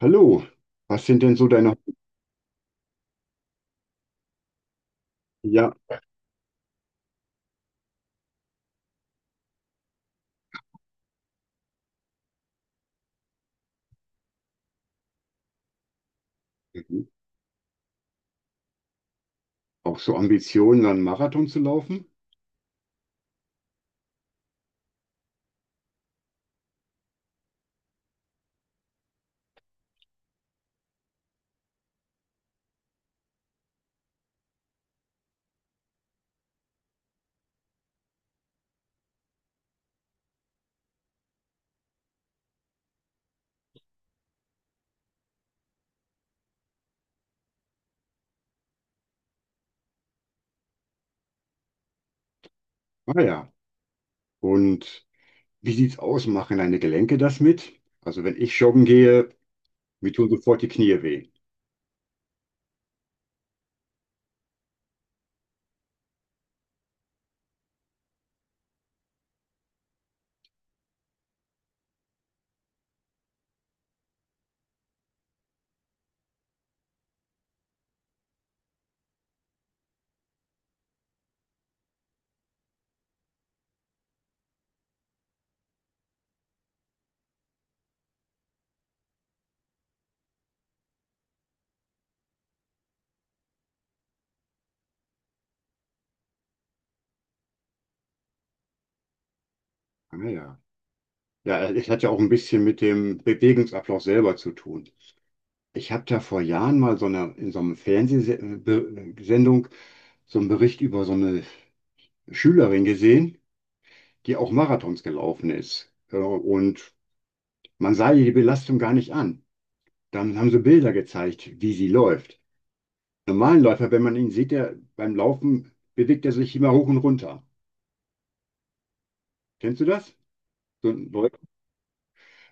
Hallo, was sind denn so deine, ja, mhm. Auch so Ambitionen, einen Marathon zu laufen? Ah ja, und wie sieht's aus? Machen deine Gelenke das mit? Also wenn ich joggen gehe, mir tun sofort die Knie weh. Ah ja, ja, es hat ja auch ein bisschen mit dem Bewegungsablauf selber zu tun. Ich habe da vor Jahren mal so eine, in so einer Fernsehsendung so einen Bericht über so eine Schülerin gesehen, die auch Marathons gelaufen ist. Und man sah ihr die Belastung gar nicht an. Dann haben sie Bilder gezeigt, wie sie läuft. Normalen Läufer, wenn man ihn sieht, der beim Laufen bewegt er sich immer hoch und runter. Kennst du das? So ein Läufer.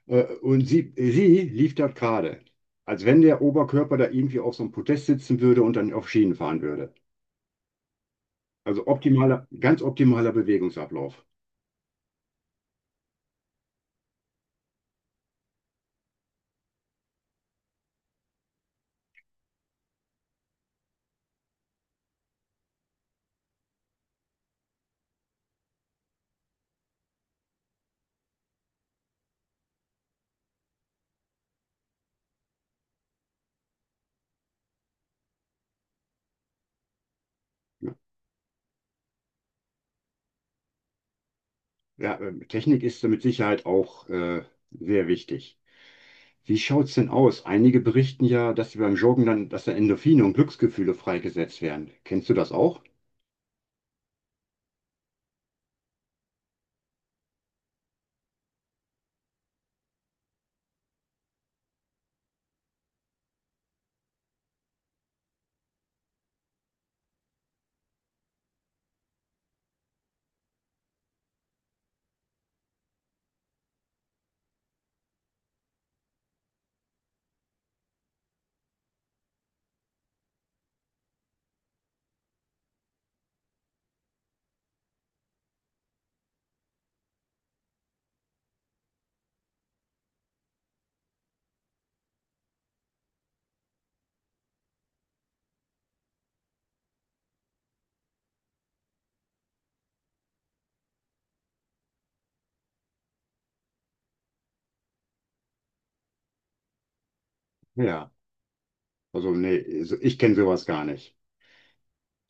Und sie lief dort gerade, als wenn der Oberkörper da irgendwie auf so einem Podest sitzen würde und dann auf Schienen fahren würde. Also optimaler, ganz optimaler Bewegungsablauf. Ja, ja, Technik ist da mit Sicherheit auch sehr wichtig. Wie schaut's denn aus? Einige berichten ja, dass sie beim Joggen dann, dass da Endorphine und Glücksgefühle freigesetzt werden. Kennst du das auch? Ja. Also, nee, also ich kenne sowas gar nicht.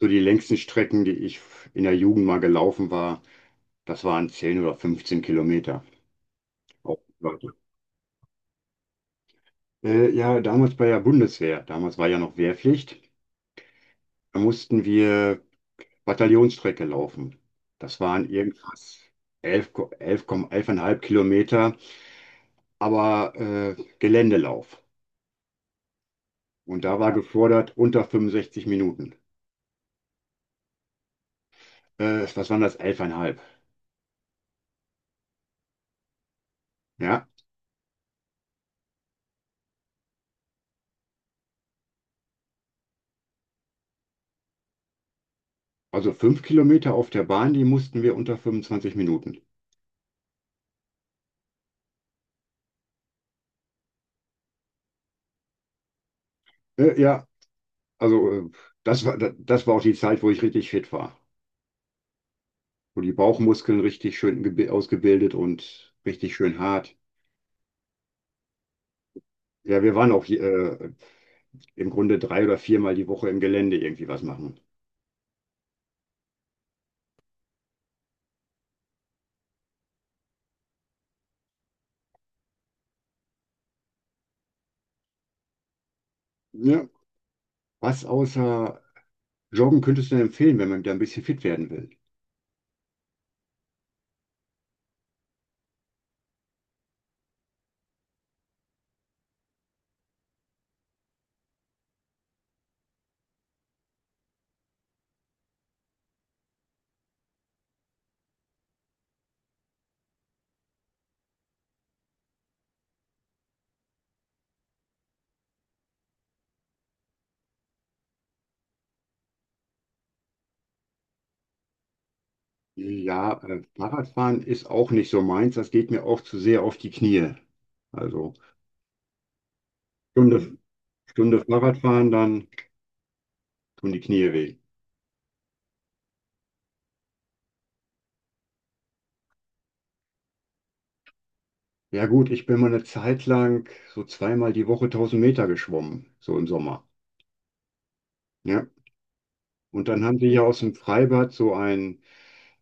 So die längsten Strecken, die ich in der Jugend mal gelaufen war, das waren 10 oder 15 Kilometer. Auch weiter. Ja, damals bei der Bundeswehr, damals war ja noch Wehrpflicht, da mussten wir Bataillonsstrecke laufen. Das waren irgendwas 11, Ko- 11, Komma- 11,5 Kilometer, aber Geländelauf. Und da war gefordert unter 65 Minuten. Was waren das? 11,5. Ja, also 5 Kilometer auf der Bahn, die mussten wir unter 25 Minuten. Ja, also das war, das war auch die Zeit, wo ich richtig fit war. Wo die Bauchmuskeln richtig schön ausgebildet und richtig schön hart. Ja, wir waren auch im Grunde drei oder viermal die Woche im Gelände irgendwie was machen. Ja. Was außer Joggen könntest du denn empfehlen, wenn man da ein bisschen fit werden will? Ja, Fahrradfahren ist auch nicht so meins. Das geht mir auch zu sehr auf die Knie. Also Stunde, Stunde Fahrradfahren, dann tun die Knie weh. Ja gut, ich bin mal eine Zeit lang so zweimal die Woche 1.000 Meter geschwommen, so im Sommer. Ja. Und dann haben sie hier aus dem Freibad so ein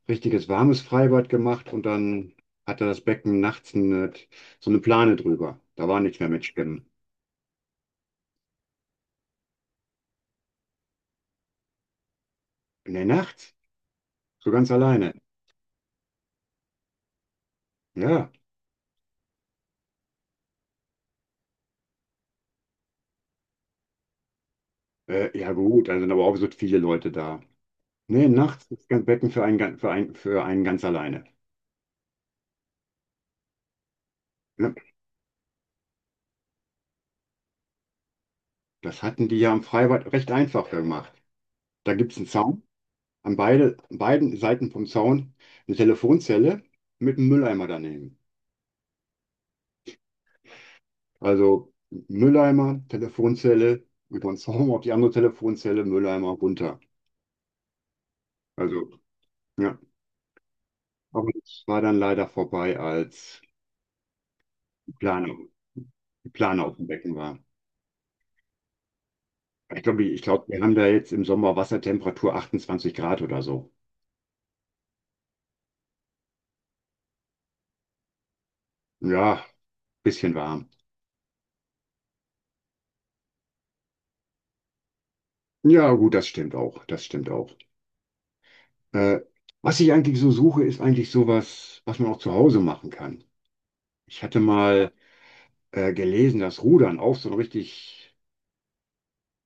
richtiges warmes Freibad gemacht und dann hatte das Becken nachts so eine Plane drüber. Da war nichts mehr mit Schwimmen. In der Nacht? So ganz alleine. Ja. Ja gut, dann sind aber auch so viele Leute da. Nee, nachts ist das Becken für einen ganz alleine. Ja. Das hatten die ja am Freibad recht einfach gemacht. Da gibt es einen Zaun. An beiden Seiten vom Zaun eine Telefonzelle mit einem Mülleimer daneben. Also Mülleimer, Telefonzelle, über den Zaun auf die andere Telefonzelle, Mülleimer runter. Also, ja. Aber es war dann leider vorbei, als die Plane, die Plane auf dem Becken war. Ich glaube, wir haben da jetzt im Sommer Wassertemperatur 28 Grad oder so. Ja, bisschen warm. Ja, gut, das stimmt auch. Das stimmt auch. Äh, Was ich eigentlich so suche, ist eigentlich sowas, was man auch zu Hause machen kann. Ich hatte mal gelesen, dass Rudern auch so ein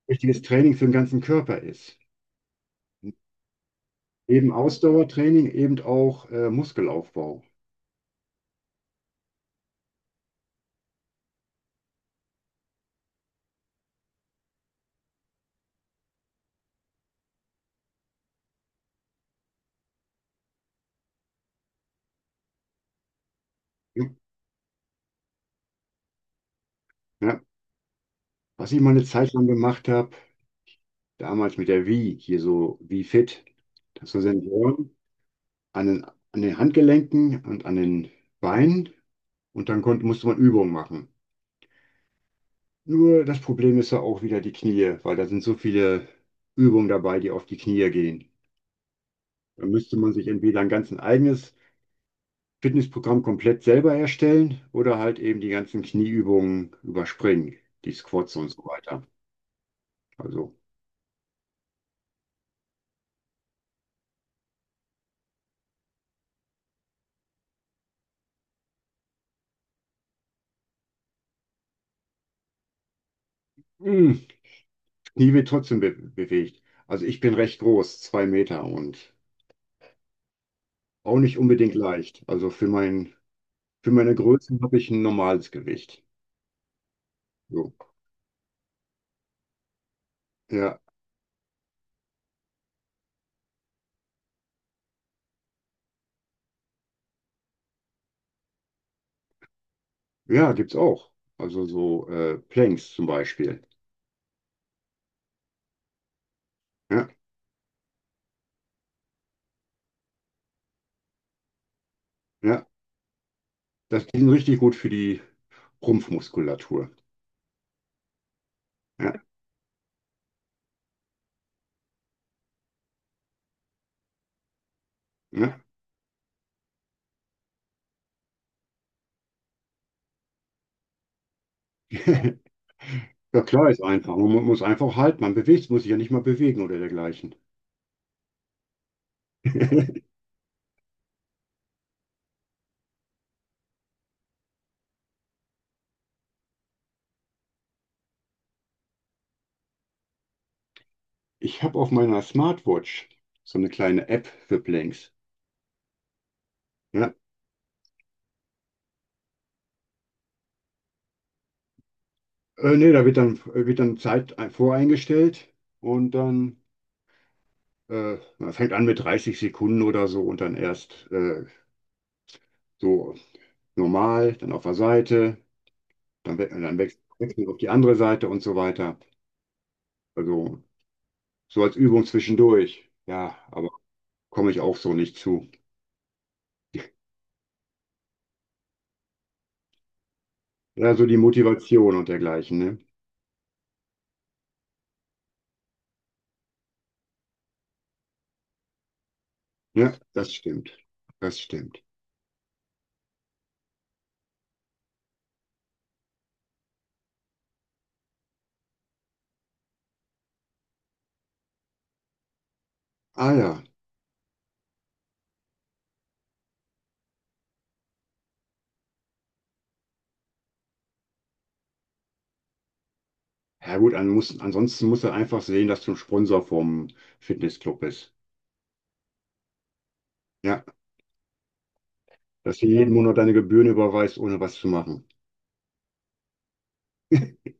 richtiges Training für den ganzen Körper ist. Eben Ausdauertraining, eben auch Muskelaufbau. Ja. Ja. Was ich mal eine Zeit lang gemacht habe, damals mit der Wii, hier so Wii Fit, das sind Sensoren an den, an den Handgelenken und an den Beinen und dann musste man Übungen machen. Nur das Problem ist ja auch wieder die Knie, weil da sind so viele Übungen dabei, die auf die Knie gehen. Da müsste man sich entweder ein ganz eigenes Fitnessprogramm komplett selber erstellen oder halt eben die ganzen Knieübungen überspringen, die Squats und so weiter. Also, mh, Knie wird trotzdem be bewegt. Also ich bin recht groß, 2 Meter und auch nicht unbedingt leicht. Also für meine Größe habe ich ein normales Gewicht. So. Ja, ja, gibt's auch. Also so Planks zum Beispiel. Ja, ja. Das, die sind richtig gut für die Rumpfmuskulatur. Ja, ja. Ja, klar ist einfach. Man muss einfach halten. Muss sich ja nicht mal bewegen oder dergleichen. Ich habe auf meiner Smartwatch so eine kleine App für Blanks. Ja. Nee, da wird dann, Zeit voreingestellt und dann man fängt an mit 30 Sekunden oder so und dann erst so normal, dann auf der Seite, dann, we dann wechselt auf die andere Seite und so weiter. Also so als Übung zwischendurch. Ja, aber komme ich auch so nicht zu. Ja, so die Motivation und dergleichen, ne? Ja, das stimmt. Das stimmt. Ah ja. Ja gut, ansonsten musst du einfach sehen, dass du ein Sponsor vom Fitnessclub bist. Ja, dass du jeden Monat deine Gebühren überweist, ohne was zu machen.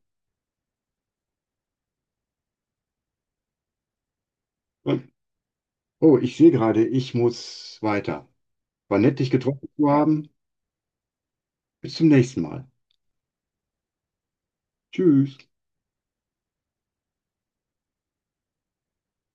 Und, oh, ich sehe gerade, ich muss weiter. War nett, dich getroffen zu haben. Bis zum nächsten Mal. Tschüss.